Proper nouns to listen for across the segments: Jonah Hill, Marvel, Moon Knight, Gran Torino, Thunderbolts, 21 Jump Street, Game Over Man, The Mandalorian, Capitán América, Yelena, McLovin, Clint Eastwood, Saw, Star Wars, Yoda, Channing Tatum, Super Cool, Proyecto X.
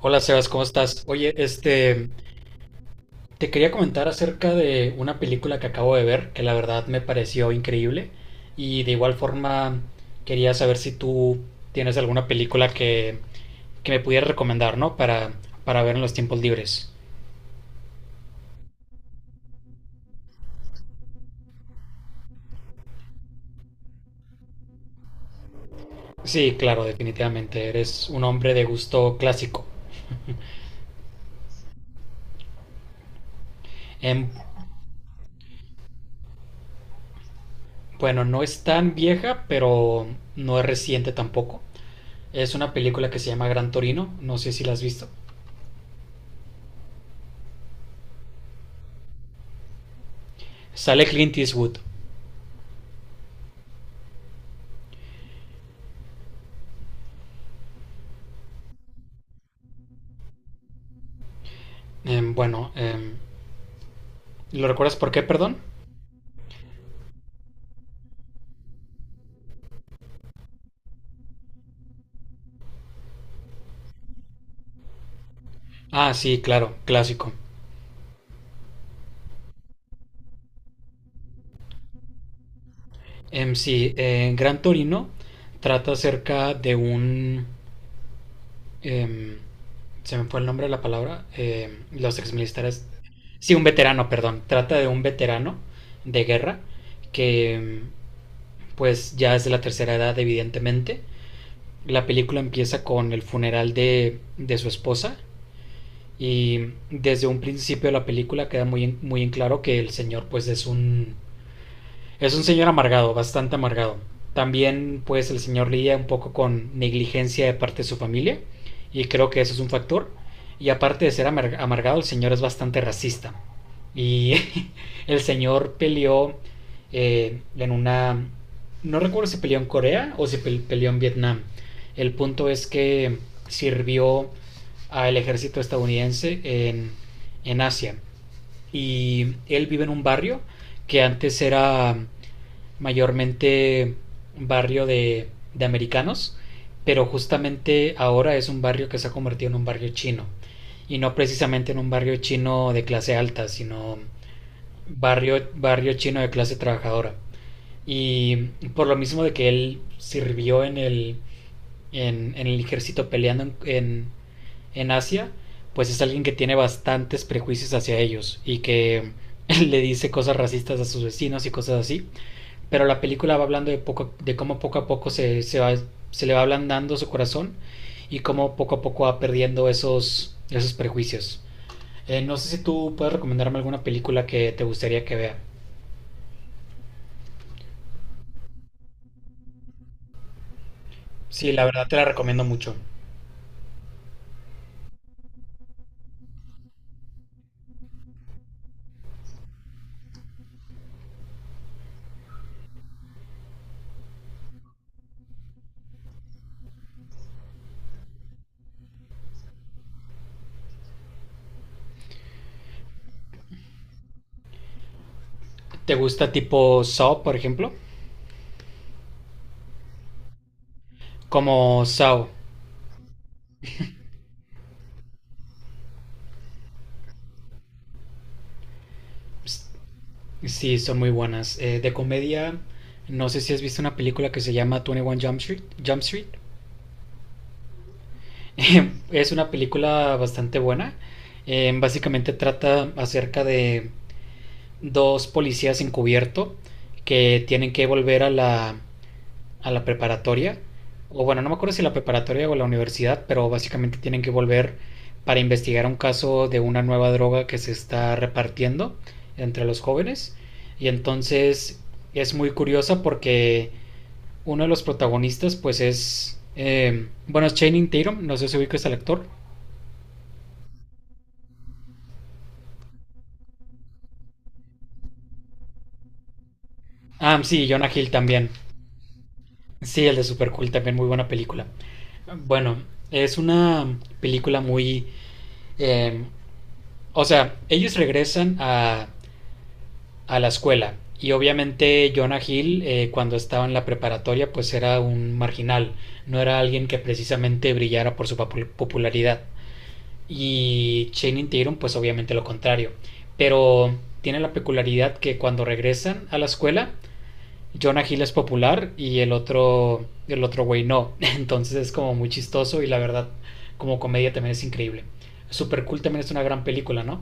Hola Sebas, ¿cómo estás? Oye, te quería comentar acerca de una película que acabo de ver, que la verdad me pareció increíble, y de igual forma quería saber si tú tienes alguna película que me pudieras recomendar, ¿no? Para ver en los tiempos libres. Sí, claro, definitivamente, eres un hombre de gusto clásico. Em, bueno, no es tan vieja, pero no es reciente tampoco. Es una película que se llama Gran Torino, no sé si la has visto. Sale Clint Eastwood. Bueno, ¿lo recuerdas por qué, perdón? Ah, sí, claro, clásico. Sí, Gran Torino trata acerca de un... em, se me fue el nombre de la palabra. Los exmilitares... Sí, un veterano, perdón. Trata de un veterano de guerra que pues ya es de la tercera edad, evidentemente. La película empieza con el funeral de su esposa y desde un principio de la película queda muy en claro que el señor pues es un. Es un señor amargado, bastante amargado. También, pues, el señor lidia un poco con negligencia de parte de su familia, y creo que eso es un factor. Y aparte de ser amargado, el señor es bastante racista. Y el señor peleó en una... No recuerdo si peleó en Corea o si peleó en Vietnam. El punto es que sirvió al ejército estadounidense en Asia y él vive en un barrio que antes era mayormente barrio de americanos, pero justamente ahora es un barrio que se ha convertido en un barrio chino. Y no precisamente en un barrio chino de clase alta, sino barrio chino de clase trabajadora. Y por lo mismo de que él sirvió en el ejército peleando en Asia, pues es alguien que tiene bastantes prejuicios hacia ellos y que le dice cosas racistas a sus vecinos y cosas así. Pero la película va hablando de cómo poco a poco se le va ablandando su corazón y cómo poco a poco va perdiendo esos prejuicios. No sé si tú puedes recomendarme alguna película que te gustaría que vea. Sí, la verdad te la recomiendo mucho. ¿Te gusta tipo Saw, por ejemplo? Como Saw. Sí, son muy buenas. De comedia, no sé si has visto una película que se llama 21 Jump Street. Jump Street. Es una película bastante buena. Básicamente trata acerca de dos policías encubierto que tienen que volver a a la preparatoria, o bueno, no me acuerdo si la preparatoria o la universidad, pero básicamente tienen que volver para investigar un caso de una nueva droga que se está repartiendo entre los jóvenes. Y entonces es muy curiosa porque uno de los protagonistas pues es... bueno, es Channing Tatum, no sé si ubicas al actor. Ah, sí, Jonah Hill también. Sí, el de Super Cool también, muy buena película. Bueno, es una película muy... eh, o sea, ellos regresan a la escuela. Y obviamente Jonah Hill, cuando estaba en la preparatoria, pues era un marginal, no era alguien que precisamente brillara por su popularidad. Y Channing Tatum, pues obviamente lo contrario. Pero tiene la peculiaridad que cuando regresan a la escuela, Jonah Hill es popular y el otro güey no. Entonces es como muy chistoso y la verdad, como comedia también es increíble. Super Cool también es una gran película, ¿no?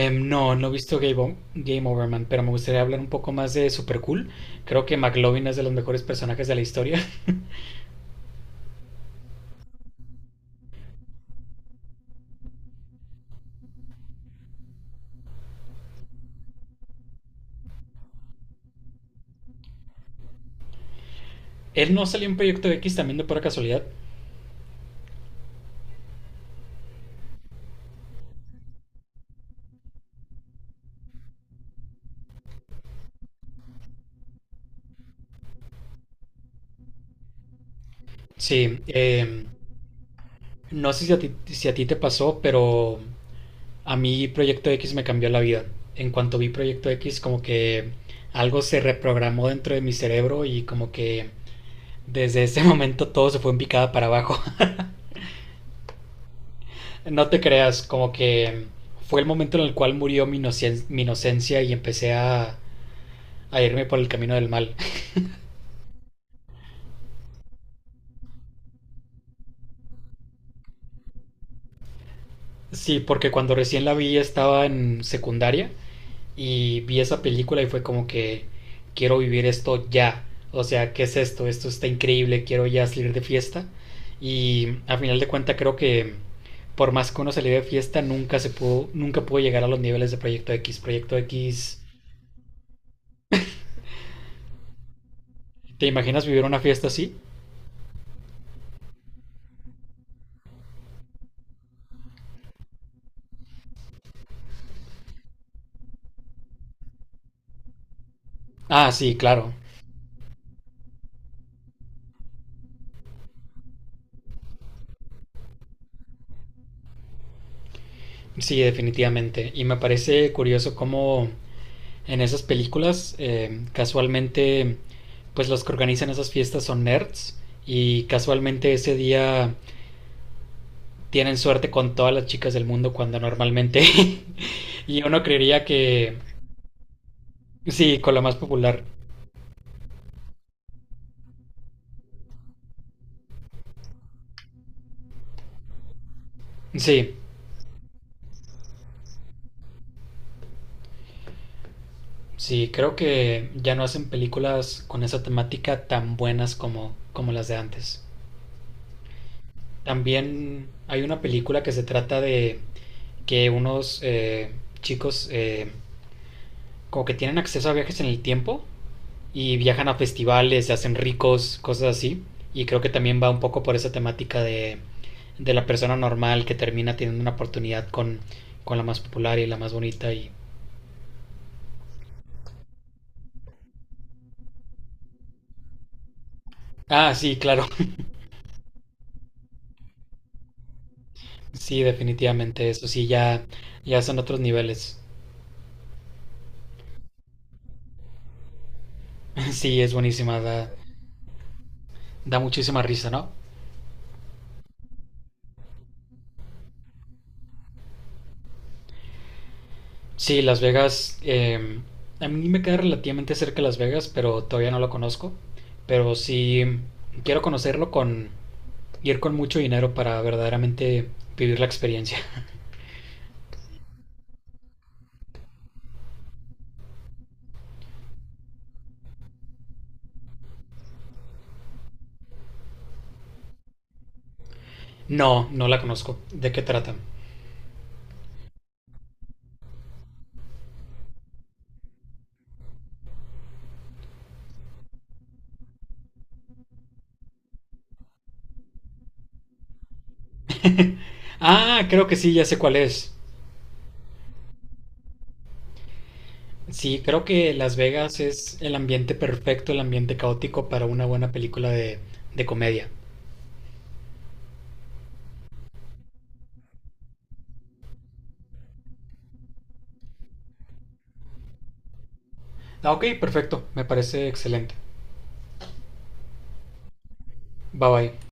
No, no he visto Game Over Man, pero me gustaría hablar un poco más de Super Cool. Creo que McLovin es de los mejores personajes de la historia. Él no salió en Proyecto X también de pura casualidad. Sí, no sé si a ti te pasó, pero a mí Proyecto X me cambió la vida. En cuanto vi Proyecto X, como que algo se reprogramó dentro de mi cerebro y como que desde ese momento todo se fue en picada para abajo. No te creas, como que fue el momento en el cual murió mi inocencia y empecé a irme por el camino del mal. Sí, porque cuando recién la vi estaba en secundaria y vi esa película y fue como que quiero vivir esto ya. O sea, ¿qué es esto? Esto está increíble, quiero ya salir de fiesta. Y a final de cuentas creo que por más que uno saliera de fiesta, nunca pudo llegar a los niveles de Proyecto X. Proyecto X, ¿te imaginas vivir una fiesta así? Ah, sí, claro. Sí, definitivamente. Y me parece curioso cómo en esas películas casualmente pues los que organizan esas fiestas son nerds y casualmente ese día tienen suerte con todas las chicas del mundo cuando normalmente y uno creería que sí, con la más popular. Sí, sí, creo que ya no hacen películas con esa temática tan buenas como las de antes. También hay una película que se trata de que unos chicos como que tienen acceso a viajes en el tiempo y viajan a festivales, se hacen ricos, cosas así. Y creo que también va un poco por esa temática de la persona normal que termina teniendo una oportunidad con la más popular y la más bonita. Y... Ah, sí, claro. Sí, definitivamente. Eso sí, ya son otros niveles. Sí, es buenísima. Da muchísima risa, ¿no? Sí, Las Vegas. A mí me queda relativamente cerca Las Vegas, pero todavía no lo conozco. Pero sí quiero conocerlo con ir con mucho dinero para verdaderamente vivir la experiencia. No, no la conozco. ¿De qué trata? Ah, creo que sí, ya sé cuál es. Sí, creo que Las Vegas es el ambiente perfecto, el ambiente caótico para una buena película de comedia. Ah, ok, perfecto. Me parece excelente. Bye bye.